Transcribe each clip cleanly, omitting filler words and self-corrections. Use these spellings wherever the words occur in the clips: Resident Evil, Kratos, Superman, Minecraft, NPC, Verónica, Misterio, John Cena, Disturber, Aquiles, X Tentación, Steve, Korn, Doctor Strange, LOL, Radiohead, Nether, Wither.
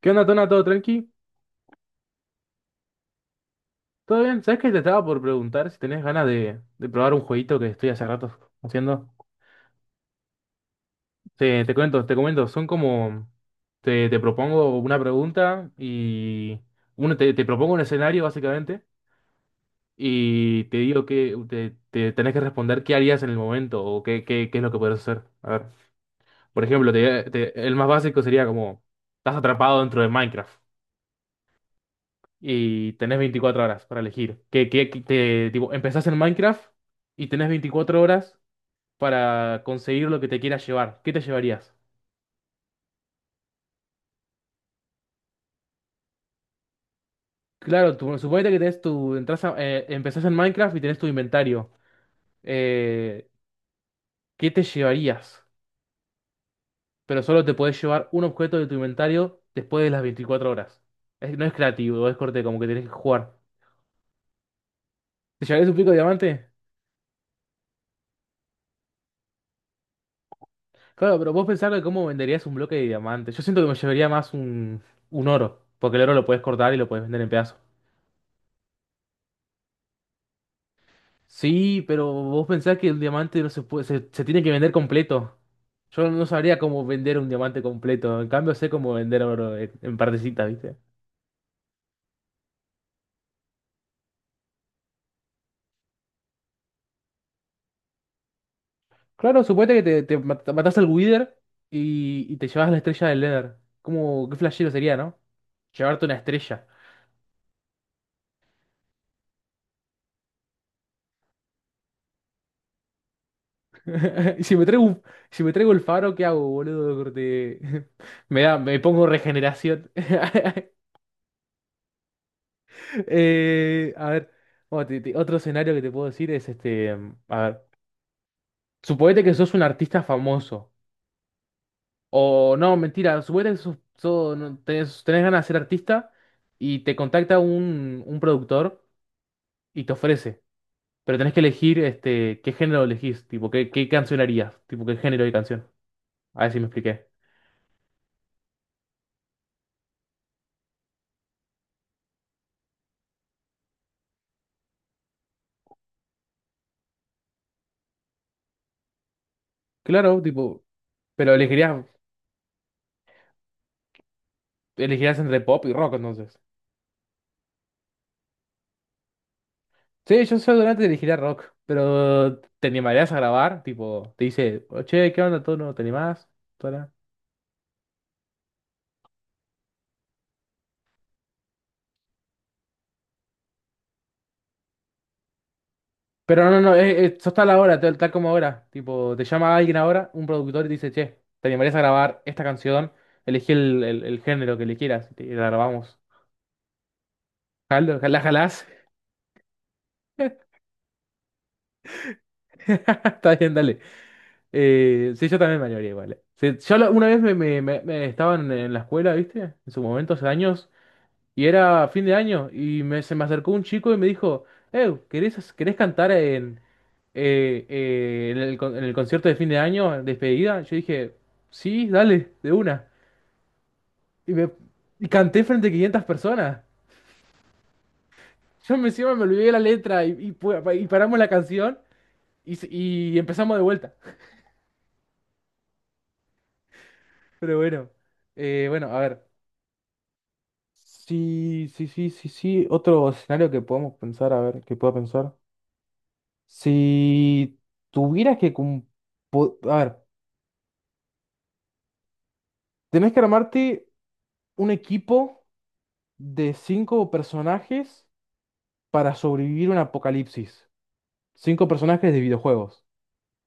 ¿Qué onda, Tona? ¿Todo tranqui? ¿Todo bien? ¿Sabes que te estaba por preguntar si tenés ganas de probar un jueguito que estoy hace rato haciendo? Te cuento, te comento, son como... Te propongo una pregunta y... Uno, te propongo un escenario, básicamente, y te digo que te tenés que responder qué harías en el momento o qué es lo que podrías hacer. A ver, por ejemplo, el más básico sería como... Estás atrapado dentro de Minecraft, y tenés 24 horas para elegir. Que te, tipo, empezás en Minecraft y tenés 24 horas para conseguir lo que te quieras llevar. ¿Qué te llevarías? Claro, tú, suponete que tenés tu, entras empezás en Minecraft y tenés tu inventario. Eh, ¿Qué te llevarías? Pero solo te podés llevar un objeto de tu inventario después de las 24 horas. No es creativo, es corte, como que tenés que jugar. ¿Te llevarías un pico de diamante? Claro, pero vos pensás que cómo venderías un bloque de diamante. Yo siento que me llevaría más un oro, porque el oro lo puedes cortar y lo puedes vender en pedazos. Sí, pero vos pensás que el diamante no se puede, se tiene que vender completo. Yo no sabría cómo vender un diamante completo. En cambio, sé cómo vender oro en partecitas, ¿viste? Claro, suponete que te, matás al Wither y te llevas la estrella del Nether. ¿Cómo, qué flashero sería, no? Llevarte una estrella. Y si me traigo, si me traigo el faro, ¿qué hago, boludo? Corte. Me pongo regeneración. A ver, bueno, otro escenario que te puedo decir es este, a ver, suponete que sos un artista famoso. O no, mentira, suponete que no, tenés ganas de ser artista y te contacta un productor y te ofrece. Pero tenés que elegir este, qué género elegís, tipo, qué canción harías, tipo, qué género de canción. A ver si me expliqué. Claro, tipo, pero elegirías. Elegirás entre pop y rock, entonces. Sí, yo seguramente elegiría rock, pero ¿te animarías a grabar? Tipo, te dice, "Oh, che, ¿qué onda? ¿Tú no te animás? Tola". Pero no, sos tal ahora, tal como ahora. Tipo, te llama alguien ahora, un productor, y te dice, che, ¿te animarías a grabar esta canción? Elegí el género que le quieras y la grabamos. Jalo, ¿la jalás? Está bien, dale. Sí, yo también me animaría igual. Sí, una vez estaba en la escuela, ¿viste? En su momento, hace años. Y era fin de año y se me acercó un chico y me dijo, ¿querés, querés cantar en el, en el concierto de fin de año, en despedida? Yo dije, sí, dale, de una. Y, me, y canté frente a 500 personas. Yo me encima me olvidé la letra y paramos la canción y empezamos de vuelta. Pero bueno, bueno, a ver. Sí, sí, sí, sí, sí. Otro escenario que podemos pensar, a ver, que pueda pensar. Si tuvieras que... A ver, tenés que armarte un equipo de cinco personajes para sobrevivir un apocalipsis. Cinco personajes de videojuegos.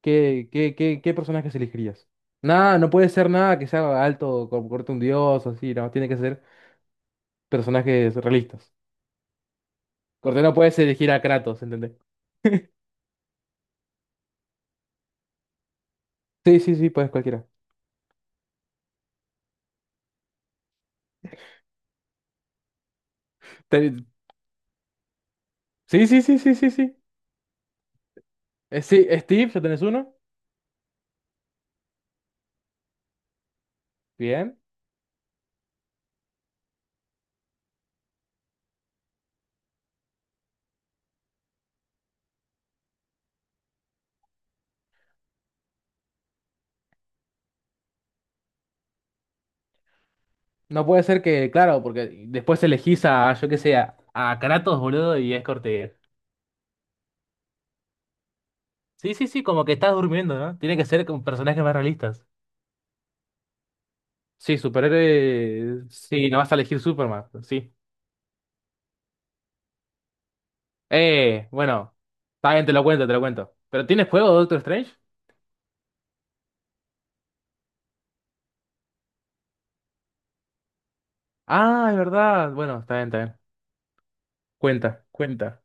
¿Qué personajes elegirías? Nada, no puede ser nada que sea alto, como corte un dios, así, no, tiene que ser personajes realistas. Corte, no puedes elegir a Kratos, ¿entendés? Sí, sí, sí, puedes cualquiera. Te- Sí, sí, sí, sí, sí, sí. Sí, Steve, ya tenés uno. Bien. No puede ser que, claro, porque después elegís a, yo qué sé, a Kratos, boludo, y es Cortez. Sí, sí, sí, como que estás durmiendo, ¿no? Tiene que ser con personajes más realistas. Sí, superhéroe. Sí, no vas a elegir Superman, sí. Bueno, está bien, te lo cuento, te lo cuento. ¿Pero tienes juego de Doctor Strange? Ah, es verdad. Bueno, está bien, está bien. Cuenta, cuenta.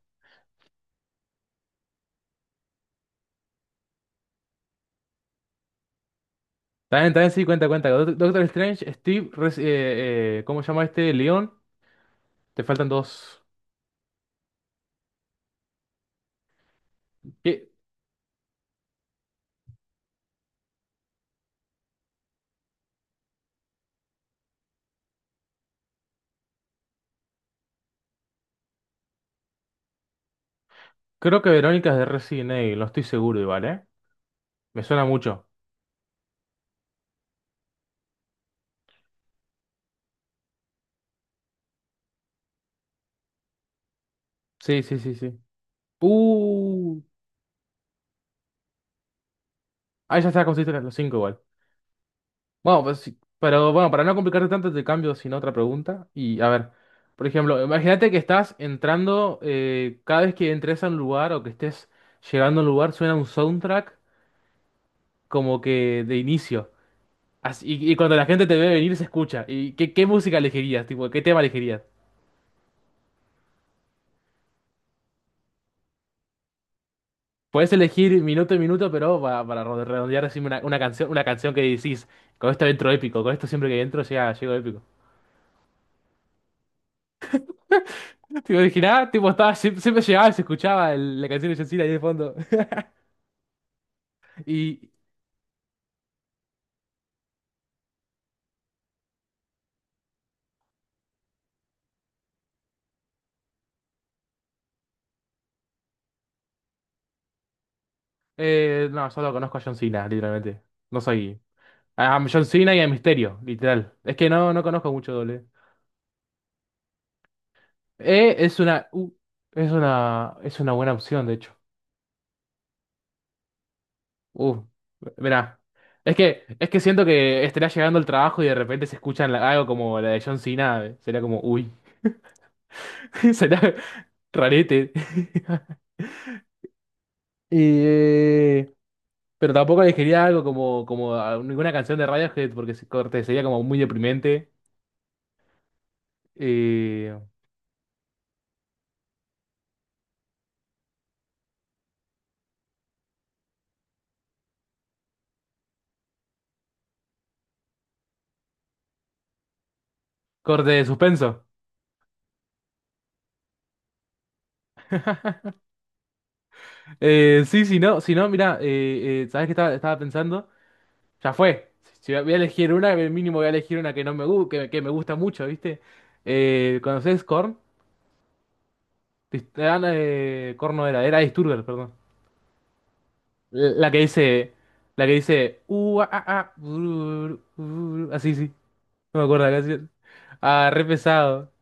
Está bien, sí, cuenta, cuenta. Doctor Strange, Steve, ¿cómo se llama este? León. Te faltan dos. ¿Qué? Creo que Verónica es de Resident Evil, no estoy seguro igual, ¿eh? Me suena mucho. Sí, sí, sí, sí. Uh. Ahí ya está, consiste en los cinco igual. Bueno, pues sí. Pero bueno, para no complicarte tanto, te cambio sin otra pregunta. Y a ver, por ejemplo, imagínate que estás entrando, cada vez que entres a un lugar o que estés llegando a un lugar, suena un soundtrack como que de inicio. Y, y cuando la gente te ve venir, se escucha. ¿Y qué, qué música elegirías? Tipo, ¿qué tema elegirías? Puedes elegir minuto y minuto, pero para, redondear, decime una canción que decís, con esto entro épico, con esto siempre que entro llega, llego épico. Tipo, original, tipo, estaba, siempre llegaba y se escuchaba la canción de John Cena ahí de fondo. Y, no, solo conozco a John Cena, literalmente. No soy, a John Cena y a Misterio, literal. Es que no, no conozco mucho doble. E es una, u- es una buena opción, de hecho. Uh, mirá. Es que siento que estaría llegando el trabajo y de repente se escuchan algo como la de John Cena. Sería como, uy, sería rarete. Y eh, pero tampoco elegiría algo como, ninguna canción de Radiohead porque corte sería como muy deprimente. Eh, Corte de suspenso. Sí, si no, si no, mira ¿sabés qué estaba pensando? Ya fue. Si si voy a elegir una, mínimo voy a elegir una que no que me gusta mucho, ¿viste? ¿Conoces Korn? Tristán Corno era, era Disturber, perdón. La que dice, la que dice, ah, ah, ah, bururu, bururu". Así, sí, no me acuerdo la canción. Ah, re pesado.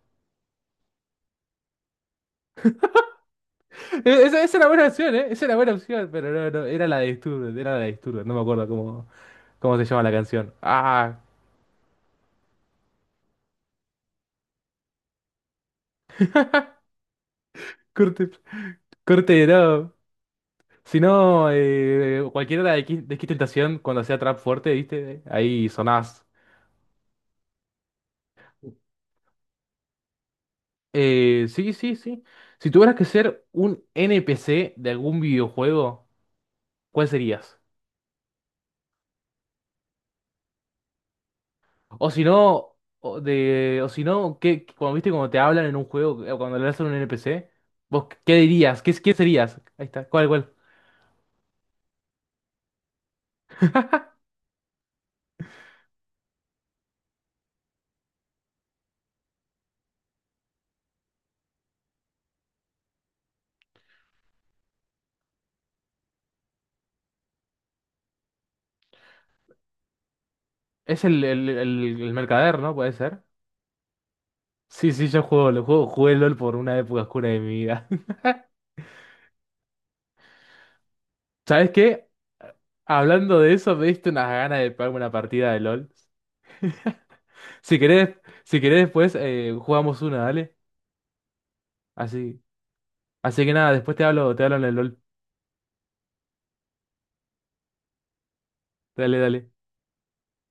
Esa, esa era buena opción, ¿eh? Esa era buena opción, pero no, no, era la de Disturber, era la de Disturber, no me acuerdo cómo, cómo se llama la canción. Ah, corte, corte, no. Si no, cualquiera de X Tentación, cuando hacía trap fuerte, ¿viste? Ahí sonás. Sí, sí, sí. Si tuvieras que ser un NPC de algún videojuego, ¿cuál serías? O si no, o si no, ¿qué, cuando viste cuando te hablan en un juego, o cuando le hacen un NPC, vos qué dirías? ¿Qué, qué serías? Ahí está, ¿cuál, cuál? Es el mercader, ¿no? Puede ser. Sí, sí, yo juego, lo juego, jugué LOL por una época oscura de mi vida. ¿Sabes qué? Hablando de eso, me diste unas ganas de pegarme una partida de LOL. Si querés, si querés después, jugamos una, dale. Así. Así que nada, después te hablo en el LOL. Dale, dale.